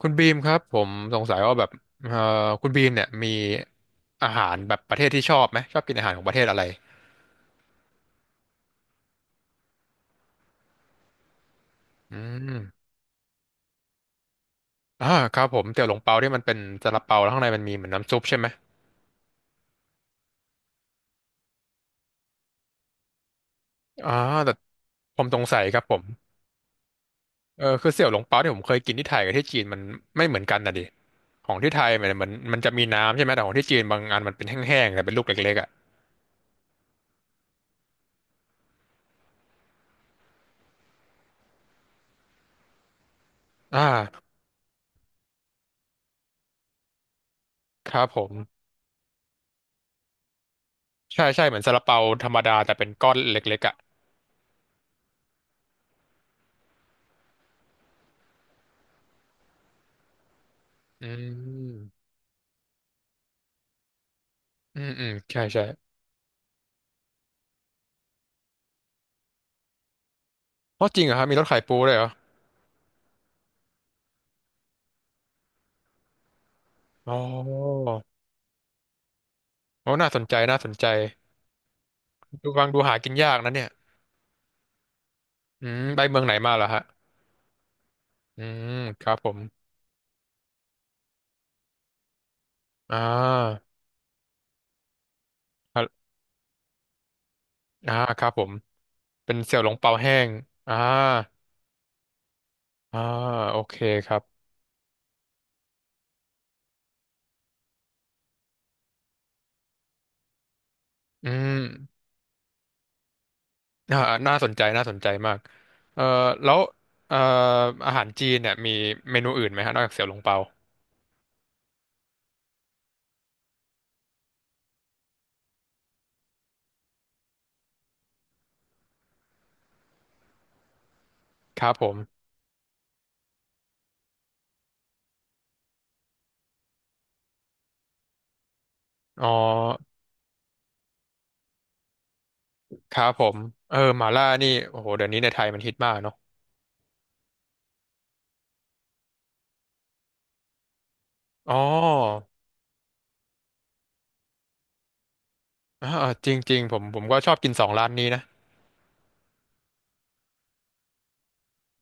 คุณบีมครับผมสงสัยว่าแบบเอ่อคุณบีมเนี่ยมีอาหารแบบประเทศที่ชอบไหมชอบกินอาหารของประเทศอะไรอืมอ่าครับผมเตี๋ยวหลงเปาที่มันเป็นซาลาเปาแล้วข้างในมันมีเหมือนน้ำซุปใช่ไหมอ่าแต่ผมสงสัยครับผมเออคือเสี่ยวหลงเปาที่ผมเคยกินที่ไทยกับที่จีนมันไม่เหมือนกันนะดิของที่ไทยมันจะมีน้ำใช่ไหมแต่ของที่จีนบางอันมันเป็นแห้งๆแต่เป็นลูกเล็กๆอ่ะอ่าครับผมใช่ใช่เหมือนซาลาเปาธรรมดาแต่เป็นก้อนเล็กๆอ่ะอืมอืมอืมใช่ใช่ เพราะจริงเหรอครับมีรถขายปูเลยเหรออ๋อโอ้น่าสนใจน่าสนใจดูฟังดูหากินยากนะเนี่ยไปเมืองไหนมาเหรอฮะอืมครับผมอ่าอ่าอ่าครับผมเป็นเสี่ยวหลงเปาแห้งอ่าอ่าโอเคครับอืมอ่าน่าสนใจน่าสนใจมากเอ่อแล้วเอ่ออาหารจีนเนี่ยมีเมนูอื่นไหมฮะนอกจากเสี่ยวหลงเปาครับผมอ๋อครับผมเออหม่าล่านี่โอ้โหเดี๋ยวนี้ในไทยมันฮิตมากเนาะอ๋อ อ่าจริงๆผมก็ชอบกินสองร้านนี้นะ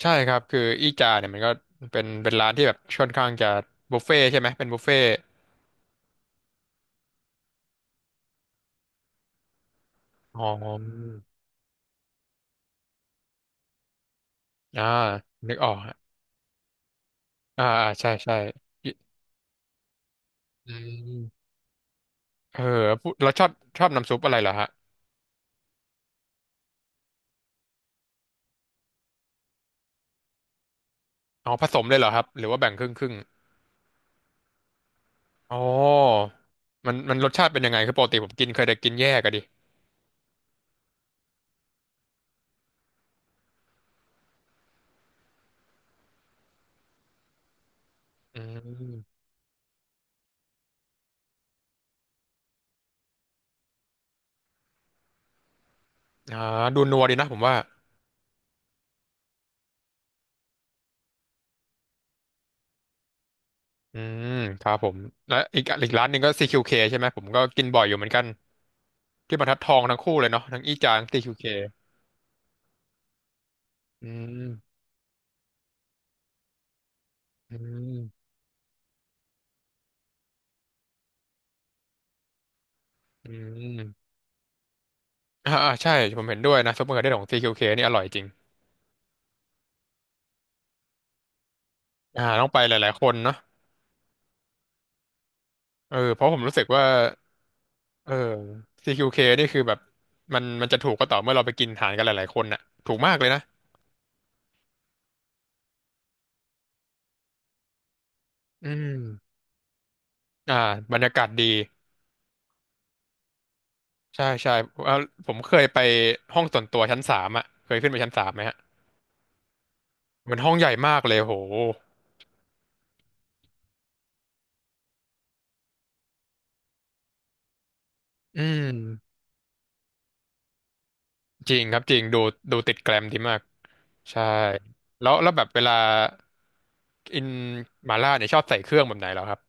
ใช่ครับคืออีจาเนี่ยมันก็เป็นร้านที่แบบค่อนข้างจะบุฟเฟ่ต์ใช่ไหมเป็นบุฟเฟ่ต์อ๋ออ่านึกออกฮะอ่าอ่าใช่ใช่อิอืมเออพูดแล้วชอบชอบน้ำซุปอะไรเหรอฮะอ๋อผสมเลยเหรอครับหรือว่าแบ่งครึ่งครึ่งอ๋อมันมันรสชาติเป็นยังไงคือปกติผมกินเคยแต่กินแยกอะดิอืมอ่าดูนัวดีนะผมว่าอืมครับผมและอีกร้านหนึ่งก็ซีคิวเคใช่ไหมผมก็กินบ่อยอยู่เหมือนกัน ที่บรรทัดทองทั้งคู่เลยเนาะทั้งอี้จางตีคิวเคอืมอืมอืมอ่าอ่าใช่ผมเห็นด้วยนะซุปเปอร์กเด้ของซีคิวเคนี่อร่อยจริงต้องไปหลายๆคนเนาะเออเพราะผมรู้สึกว่าเออ CQK นี่คือแบบมันมันจะถูกก็ต่อเมื่อเราไปกินอาหารกันหลายๆคนน่ะถูกมากเลยนะอืมอ่าบรรยากาศดีใช่ใช่เอ่อผมเคยไปห้องส่วนตัวชั้นสามอ่ะเคยขึ้นไปชั้นสามไหมฮะมันห้องใหญ่มากเลยโหอืมจริงครับจริงดูดูติดแกรมดีมาก ใช่แล้วแล้วแบบเวลากินหม่าล่าเนี่ยชอบใส่เครื่องแบบไหนเหรอครับ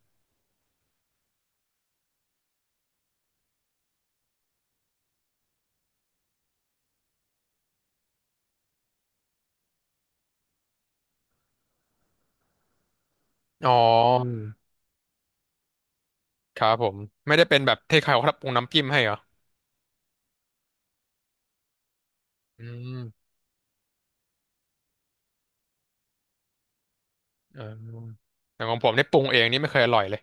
อ๋อครับผมไม่ได้เป็นแบบเทใครเขาปรุงน้ำจิ้มให้เหรออืมเอออย่างของผมเนี่ยปรุงเองนี่ไม่เคยอร่อยเลย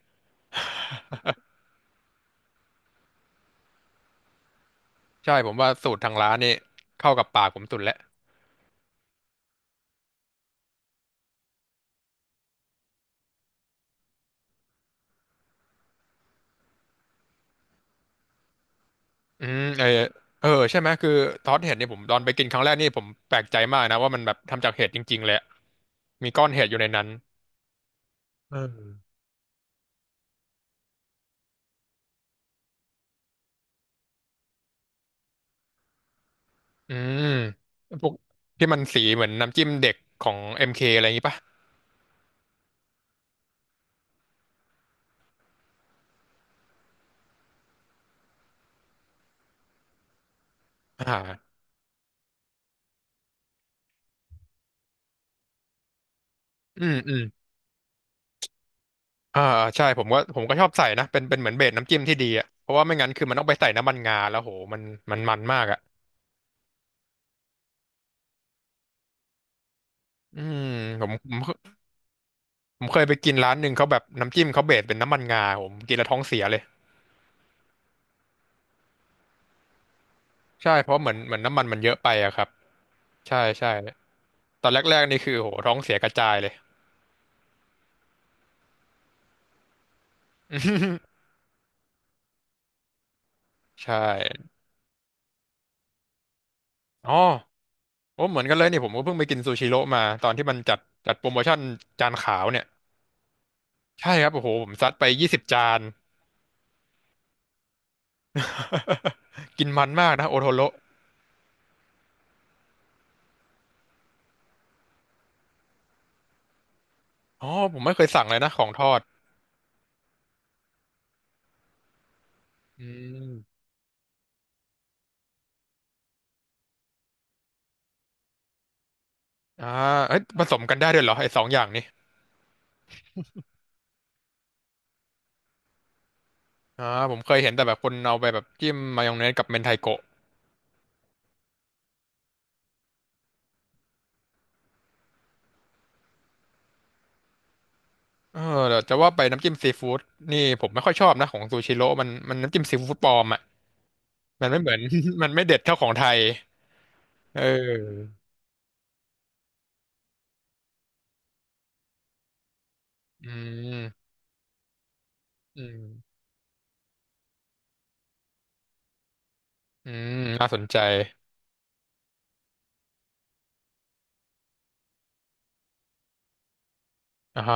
ใช่ผมว่าสูตรทางร้านนี่เข้ากับปากผมสุดแล้วอืมเออเออใช่ไหมคือทอดเห็ดเนี่ยผมตอนไปกินครั้งแรกนี่ผมแปลกใจมากนะว่ามันแบบทำจากเห็ดจริงๆเลยอะมีก้อนเห็ดอยู่ในนั้นเอออืมพวกที่มันสีเหมือนน้ำจิ้มเด็กของเอ็มเคอะไรอย่างงี้ปะ อ่าอืมอืมอ่าใช่ผมก็ชอบใส่นะเป็นเหมือนเบสน้ำจิ้มที่ดีอ่ะเพราะว่าไม่งั้นคือมันต้องไปใส่น้ำมันงาแล้วโหมันมันมากอ่ะอืมผมผมผมเคยไปกินร้านหนึ่งเขาแบบน้ำจิ้มเขาเบสเป็นน้ำมันงาผมกินแล้วท้องเสียเลยใช่เพราะเหมือนเหมือนน้ำมันมันเยอะไปอะครับใช่ใช่ตอนแรกๆนี่คือโหท้องเสียกระจายเลย ใช่อ๋อโอ้เหมือนกันเลยนี่ผมก็เพิ่งไปกินซูชิโร่มาตอนที่มันจัดจัดโปรโมชั่นจานขาวเนี่ยใช่ครับโอ้โหผมซัดไป20 จาน กินมันมากนะโอโทโร่อ๋อผมไม่เคยสั่งเลยนะของทอดอืมอ่าเอ้ยผสมกันได้ด้วยเหรอไอ้สองอย่างนี้อ่าผมเคยเห็นแต่แบบคนเอาไปแบบจิ้มมายองเนสกับเมนไทโกะเออแต่จะว่าไปน้ำจิ้มซีฟู้ดนี่ผมไม่ค่อยชอบนะของซูชิโร่มันมันน้ำจิ้มซีฟู้ดปลอมอ่ะมันไม่เหมือน มันไม่เด็ดเท่าของไทยเอออืมอืมอืมน่าสนใจอ่า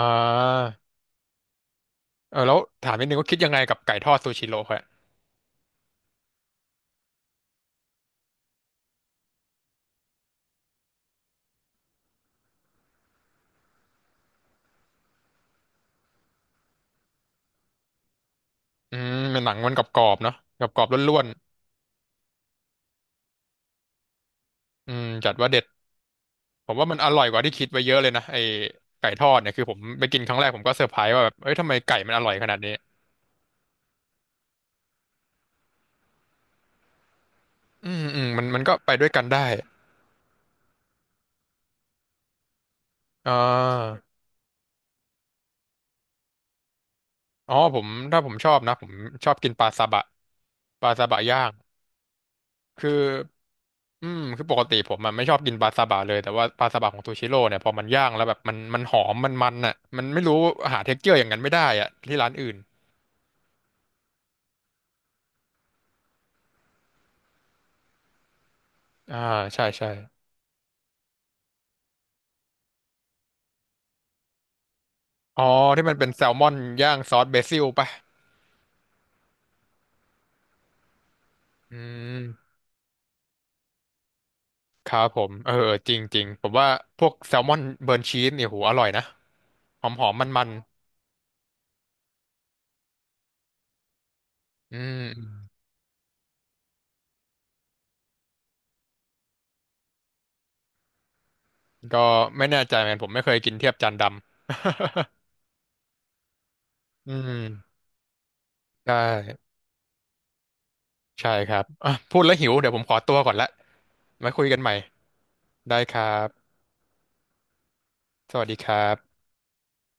เออแล้วถามนิดนึงว่าคิดยังไงกับไก่ทอดซูชิโร่ อืมเป็นหนังมันกรอบๆเนาะกรอบๆล้วนๆอืมจัดว่าเด็ดผมว่ามันอร่อยกว่าที่คิดไว้เยอะเลยนะไอ้ไก่ทอดเนี่ยคือผมไปกินครั้งแรกผมก็เซอร์ไพรส์ว่าแบบเอ้ยทำไมไก่มันอร่อยขนาดนี้อืมอืมมันมันก็ไปด้วยกันได้อ่าอ๋อถ้าผมชอบนะผมชอบกินปลาซาบะปลาซาบะย่างคืออืมคือปกติผมมันไม่ชอบกินปลาซาบะเลยแต่ว่าปลาซาบะของซูชิโร่เนี่ยพอมันย่างแล้วแบบมันมันหอมมันมันอ่ะมันไม่รู้หาเท็กเจอร์อย่างนั้นไม่ได้อ่ะที่ร้านอื่นอ่าใช่ใช่ อ๋อที่มันเป็นแซลมอนย่างซอสเบซิลป่ะอืมครับผมเออเออจริงจริงผมว่าพวกแซลมอนเบิร์นชีสเนี่ยโหอร่อยนะหอมหอมมันมันๆอืมก็ไม่แน่ใจเหมือนกันผมไม่เคยกินเทียบจานดำ อืมใช่ใช่ครับอ่ะพูดแล้วหิวเดี๋ยวผมขอตัวก่อนละไว้คุยกันใหม่ได้ครับสวัสดีครับ